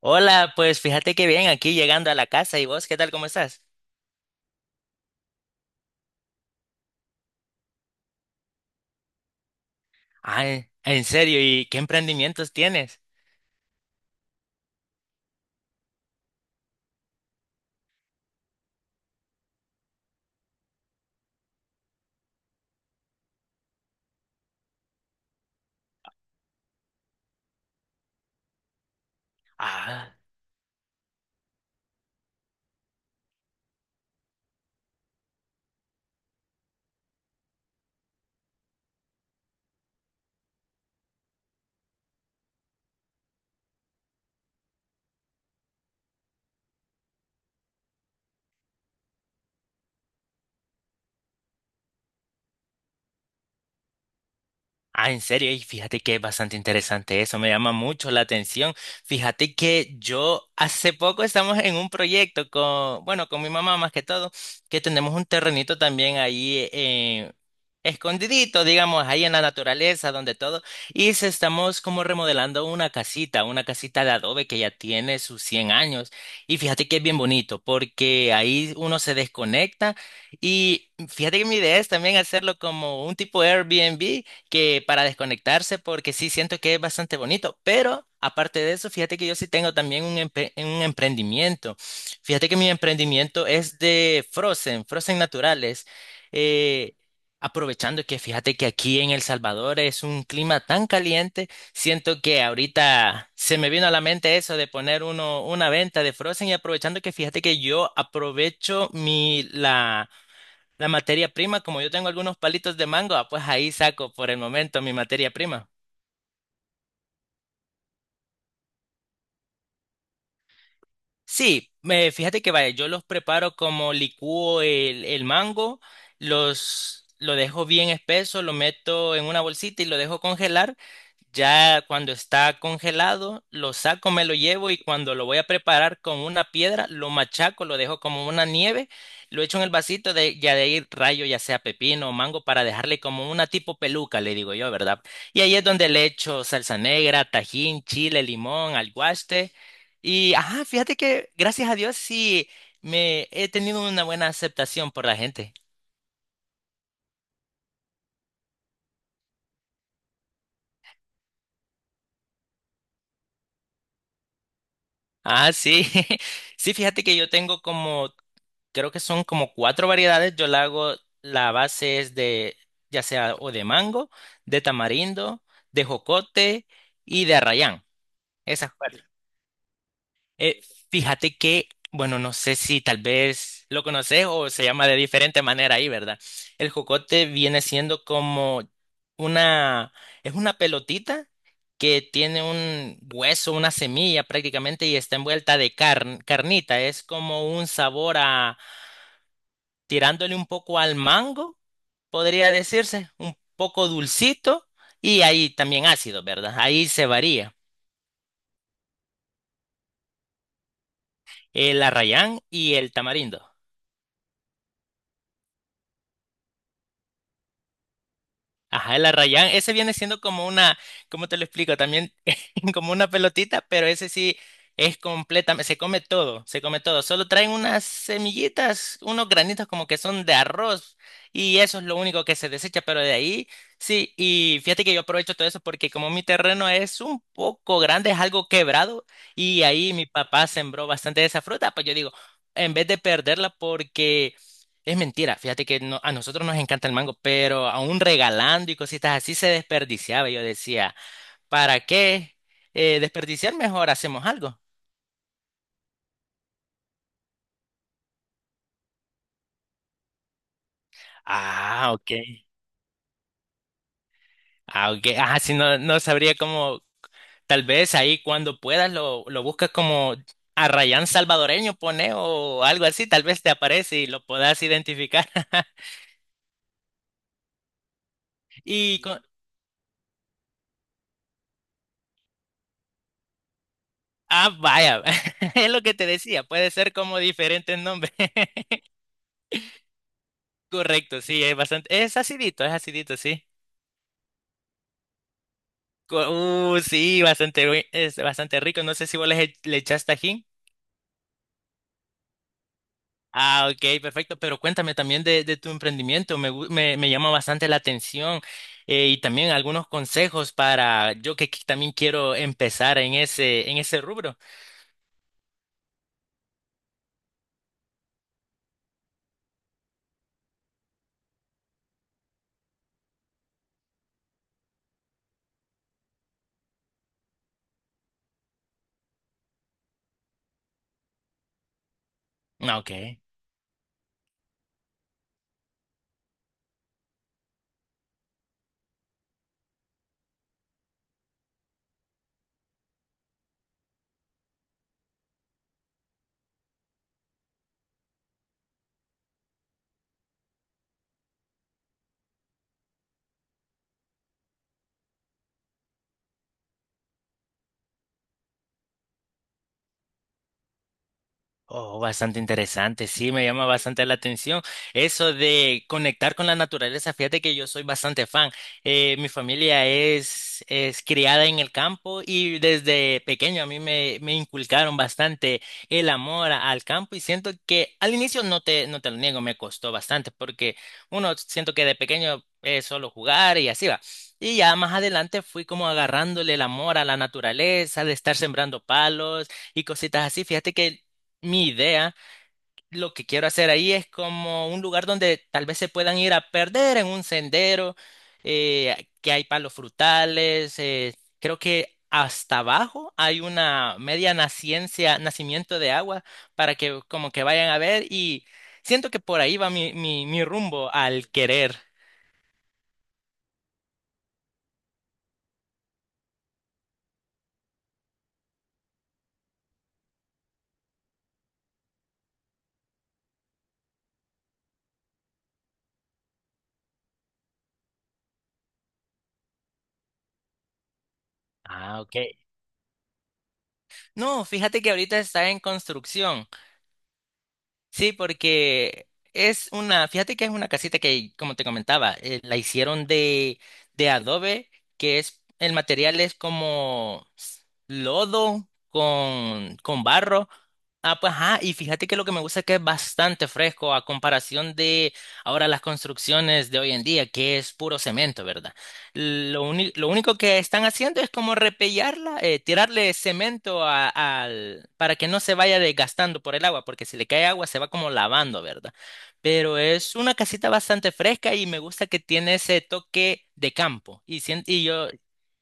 Hola, pues fíjate que bien, aquí llegando a la casa. ¿Y vos qué tal? ¿Cómo estás? Ah, en serio, ¿y qué emprendimientos tienes? Ah, ah, en serio, y fíjate que es bastante interesante eso, me llama mucho la atención. Fíjate que yo hace poco estamos en un proyecto con, bueno, con mi mamá más que todo, que tenemos un terrenito también ahí escondidito, digamos, ahí en la naturaleza, donde todo, y se estamos como remodelando una casita de adobe que ya tiene sus 100 años. Y fíjate que es bien bonito, porque ahí uno se desconecta y fíjate que mi idea es también hacerlo como un tipo Airbnb que para desconectarse, porque sí siento que es bastante bonito, pero aparte de eso, fíjate que yo sí tengo también un, un emprendimiento. Fíjate que mi emprendimiento es de Frozen, Frozen naturales. Eh, aprovechando que fíjate que aquí en El Salvador es un clima tan caliente, siento que ahorita se me vino a la mente eso de poner uno, una venta de Frozen y aprovechando que fíjate que yo aprovecho mi, la materia prima, como yo tengo algunos palitos de mango, ah, pues ahí saco por el momento mi materia prima. Sí, me, fíjate que vaya, yo los preparo como licúo el mango, los, lo dejo bien espeso, lo meto en una bolsita y lo dejo congelar. Ya cuando está congelado, lo saco, me lo llevo y cuando lo voy a preparar con una piedra, lo machaco, lo dejo como una nieve, lo echo en el vasito de ya de ahí rayo, ya sea pepino o mango, para dejarle como una tipo peluca, le digo yo, ¿verdad? Y ahí es donde le echo salsa negra, tajín, chile, limón, alguaste. Y ajá, fíjate que gracias a Dios sí me he tenido una buena aceptación por la gente. Ah, sí. Sí, fíjate que yo tengo como, creo que son como cuatro variedades. Yo la hago, la base es de, ya sea o de mango, de tamarindo, de jocote y de arrayán. Esas cuatro. Eh, fíjate que, bueno, no sé si tal vez lo conoces o se llama de diferente manera ahí, ¿verdad? El jocote viene siendo como una, es una pelotita que tiene un hueso, una semilla prácticamente y está envuelta de carnita. Es como un sabor a, tirándole un poco al mango, podría decirse, un poco dulcito y ahí también ácido, ¿verdad? Ahí se varía el arrayán y el tamarindo. Ajá, el arrayán, ese viene siendo como una, ¿cómo te lo explico? También como una pelotita, pero ese sí es completamente, se come todo, se come todo. Solo traen unas semillitas, unos granitos como que son de arroz y eso es lo único que se desecha, pero de ahí sí, y fíjate que yo aprovecho todo eso porque como mi terreno es un poco grande, es algo quebrado y ahí mi papá sembró bastante de esa fruta, pues yo digo, en vez de perderla porque... Es mentira, fíjate que no- a nosotros nos encanta el mango, pero aún regalando y cositas así se desperdiciaba. Yo decía, ¿para qué desperdiciar? Mejor hacemos algo. Ah, ok. Ah, ok. Ah, sí, no, no sabría cómo, tal vez ahí cuando puedas lo buscas como arrayán salvadoreño, pone o algo así, tal vez te aparece y lo puedas identificar. Y con... Ah, vaya, es lo que te decía, puede ser como diferentes nombres. Correcto, sí, es bastante, es acidito, sí. Co- sí, bastante, es bastante rico. No sé si vos le, le echás tajín. Ah, ok, perfecto. Pero cuéntame también de tu emprendimiento. Me, me, me llama bastante la atención y también algunos consejos para yo que también quiero empezar en ese rubro. Ah, ok. Oh, bastante interesante, sí, me llama bastante la atención eso de conectar con la naturaleza. Fíjate que yo soy bastante fan. Mi familia es criada en el campo y desde pequeño a mí me, me inculcaron bastante el amor al campo y siento que al inicio no te, no te lo niego, me costó bastante porque uno siento que de pequeño es solo jugar y así va. Y ya más adelante fui como agarrándole el amor a la naturaleza, de estar sembrando palos y cositas así. Fíjate que mi idea, lo que quiero hacer ahí es como un lugar donde tal vez se puedan ir a perder en un sendero, que hay palos frutales, creo que hasta abajo hay una media naciencia, nacimiento de agua para que como que vayan a ver y siento que por ahí va mi, mi, mi rumbo al querer. Ah, ok. No, fíjate que ahorita está en construcción. Sí, porque es una, fíjate que es una casita que, como te comentaba, la hicieron de adobe, que es, el material es como lodo con barro. Ah, pues ajá, y fíjate que lo que me gusta es que es bastante fresco a comparación de ahora las construcciones de hoy en día, que es puro cemento, ¿verdad? Lo, lo único que están haciendo es como repellarla, tirarle cemento al, para que no se vaya desgastando por el agua, porque si le cae agua se va como lavando, ¿verdad? Pero es una casita bastante fresca y me gusta que tiene ese toque de campo. Y, y yo,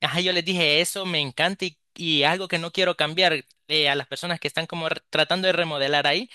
ajá, yo les dije, eso me encanta y algo que no quiero cambiar a las personas que están como tratando de remodelar ahí.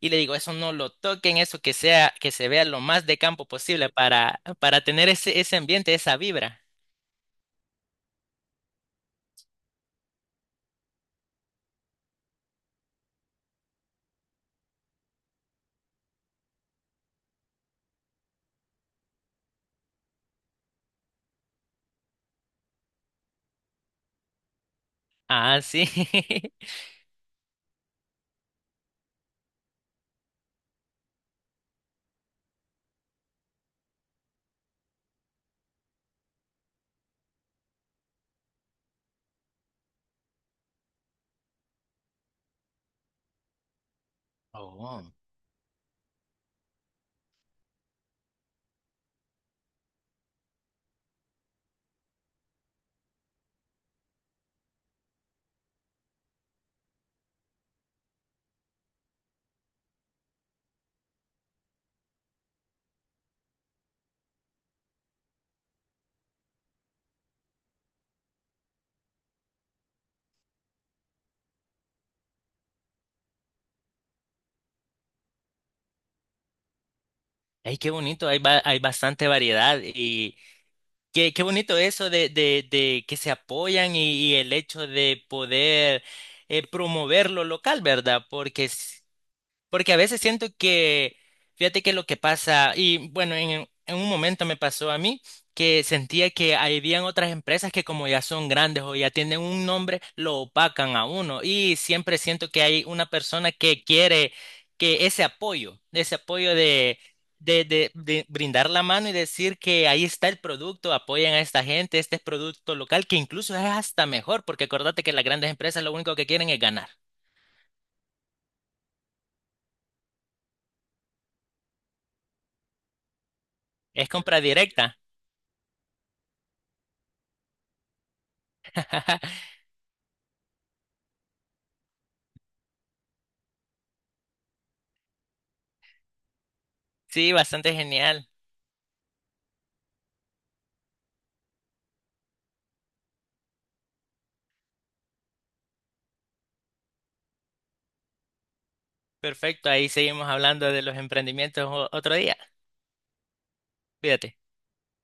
Y le digo, eso no lo toquen, eso que sea, que se vea lo más de campo posible para tener ese, ese ambiente, esa vibra. Ah, sí. Oh. Ay, qué bonito, hay, hay bastante variedad y qué, qué bonito eso de que se apoyan y el hecho de poder promover lo local, ¿verdad? Porque porque a veces siento que, fíjate que lo que pasa, y bueno, en un momento me pasó a mí que sentía que habían otras empresas que como ya son grandes o ya tienen un nombre, lo opacan a uno. Y siempre siento que hay una persona que quiere que ese apoyo de brindar la mano y decir que ahí está el producto, apoyen a esta gente, este es producto local, que incluso es hasta mejor, porque acordate que las grandes empresas lo único que quieren es ganar. Es compra directa. Sí, bastante genial. Perfecto, ahí seguimos hablando de los emprendimientos otro día. Cuídate.